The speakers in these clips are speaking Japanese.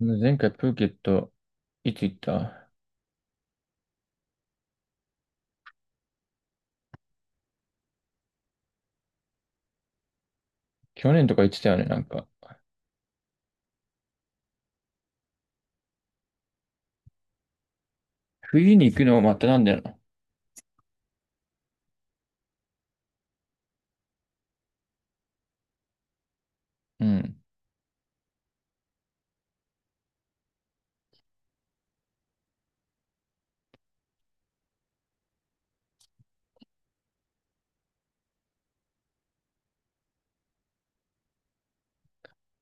前回プーケット、いつ行った？去年とか行ってたよね、なんか。冬に行くのまたなんだよな。うん。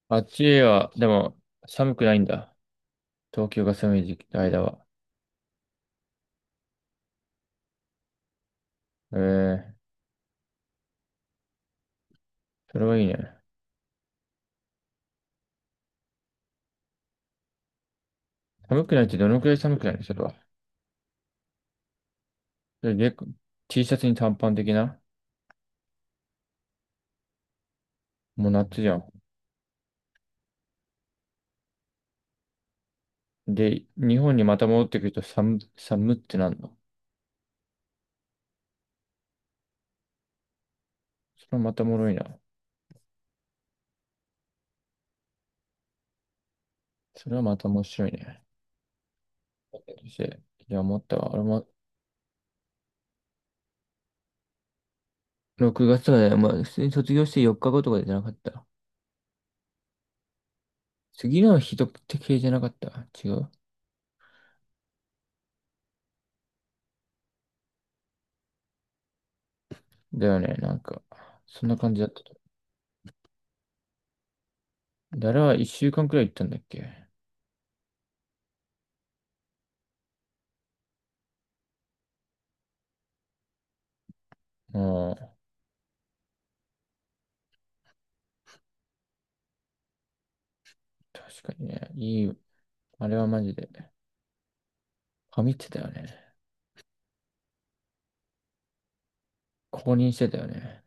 あっちは、でも、寒くないんだ。東京が寒い時期の間は。ええ、それはいいね。寒くないってどのくらい寒くないのそれは。それで、T シャツに短パン的な、もう夏じゃん。で、日本にまた戻ってくると寒ってなんの？それはまたおもろいな。それはまた面白いね。そして、いや、思ったわ。俺も、6月まで、まあ、普通に卒業して4日後とかじゃなかった？次の日とって系じゃなかった？違う。だよね、なんか、そんな感じだったと。だら一週間くらい行ったんだっけ？うん、確かにね、いい、あれはマジで、ハミってたよね。公認してたよね。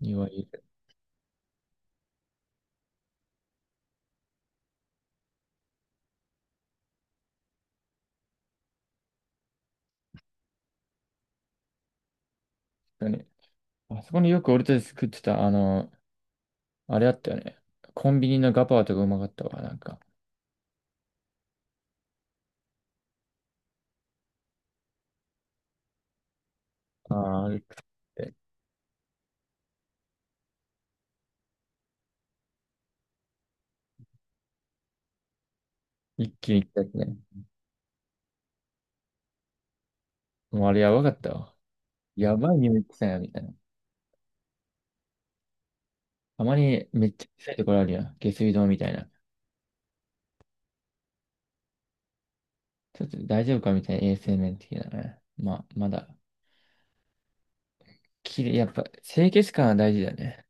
庭いいですよね。あそこによく俺たち食ってた、あれあったよね。コンビニのガパオとかうまかったわ、なんか。ああ、一気に来たやつね。もうあれやばかったわ。やばい匂い、臭いな、みたいな。たまにめっちゃ臭いところあるやん。下水道みたいな。ちょっと大丈夫かみたいな、衛生面的なね。まあ、まだ、きれい、やっぱ清潔感は大事だね。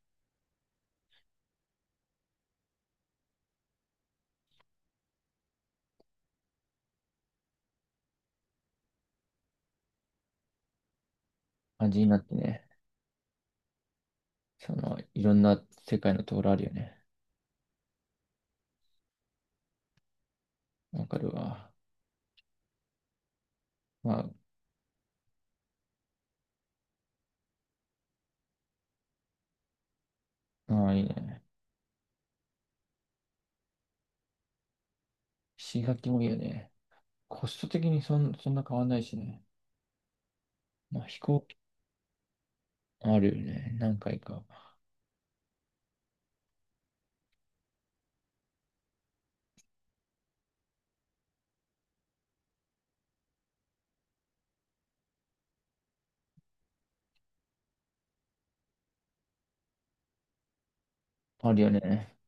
感じになってね。その、いろんな世界のところあるよね。わかるわ。まあ、ああ、いいね。石垣もいいよね。コスト的にそんな変わんないしね。まあ、飛行機あるよね。何回か。あるよね。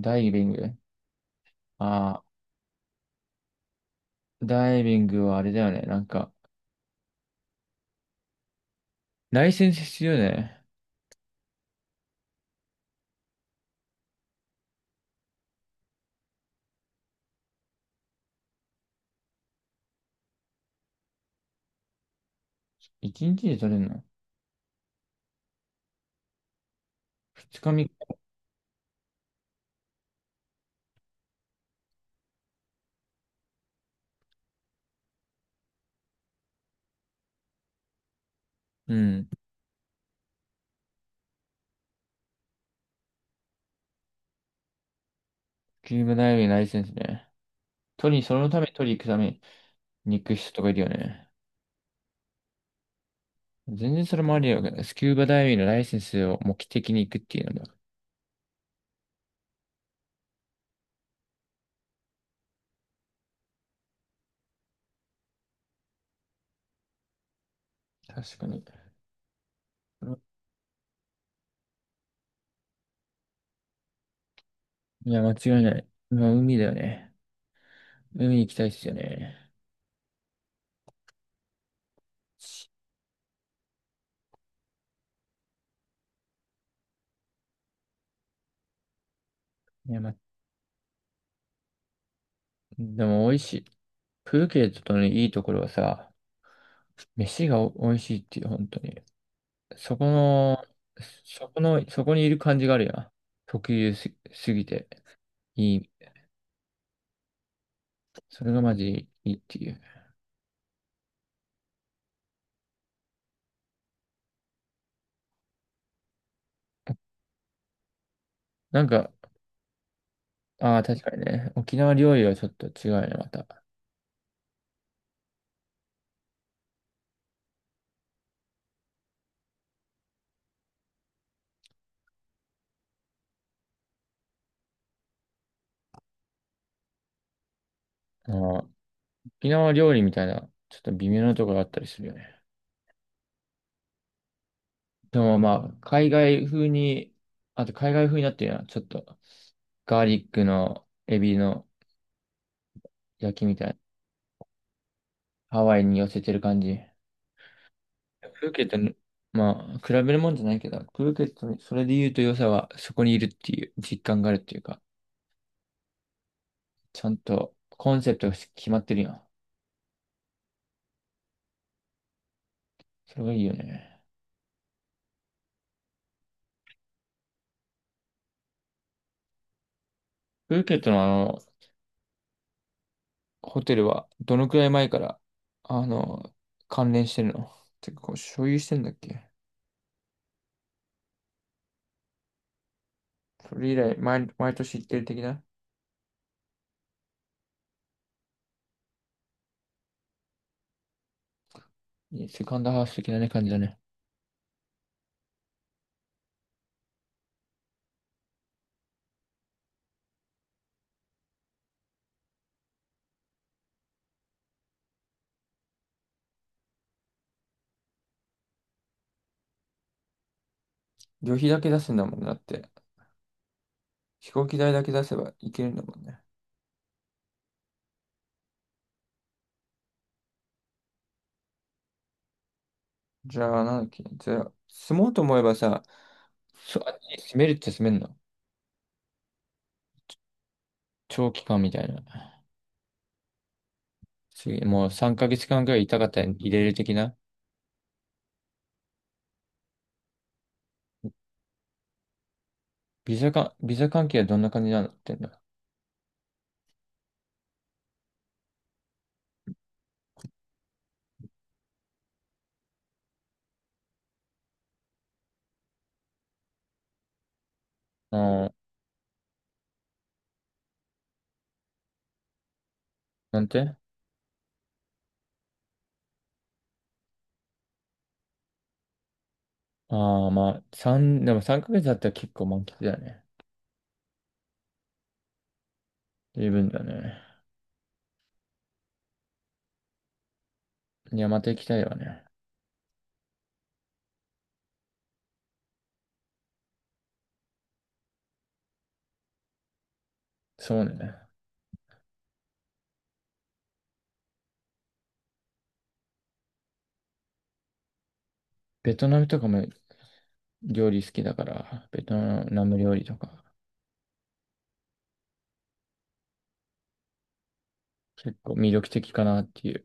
ダイビング。ああ、ダイビングはあれだよね。なんか、ライセンス必要だよね。一日で取れるの？二日三、うん。スキューバダイビングライセンスね。取り、そのために取り行くために行く人とかいるよね。全然それもありよね。スキューバダイビングのライセンスを目的に行くっていうのだ。確かに。いや、間違いない。まあ、海だよね。海行きたいっすよね。いや、ま、でも美味しい。プーケットのいいところはさ、飯がお美味しいっていう、本当に。そこの、そこにいる感じがあるやん。特有す、すぎて、いい。それがマジいいっていう。なんか、ああ、確かにね。沖縄料理はちょっと違うよね、また。あー、沖縄料理みたいな、ちょっと微妙なところがあったりするよね。でもまあ、海外風に、あと海外風になってるのは、ちょっとガーリックのエビの焼きみたいな、ハワイに寄せてる感じ。プーケットに、まあ、比べるもんじゃないけど、プーケットに、それで言うと良さは、そこにいるっていう実感があるっていうか、ちゃんとコンセプトが決まってるやん。それがいいよね。プーケットのホテルはどのくらい前から、あの、関連してるの？てか、こう、所有してんだっけ？それ以来、毎年行ってる的な、いいセカンドハウス的なね、感じだね。旅費だけ出すんだもんなって。飛行機代だけ出せば行けるんだもんね。じゃあ、なんだっけ？じゃあ、住もうと思えばさ、そ、住めるって住めんの？長期間みたいな。次、もう3ヶ月間くらいいたかったら入れる的な、ビザか、ビザ関係はどんな感じになってんだ？ああー、なんて？ああ、まあ、三、でも3ヶ月だったら結構満喫だよね。十分だね。いや、また行きたいわね。そうね。ベトナムとかも料理好きだから、ベトナム料理とか、結構魅力的かなっていう。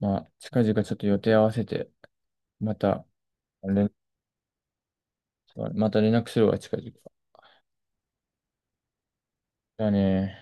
まあ、近々ちょっと予定合わせて、また連、また連絡するわ、近々。だね。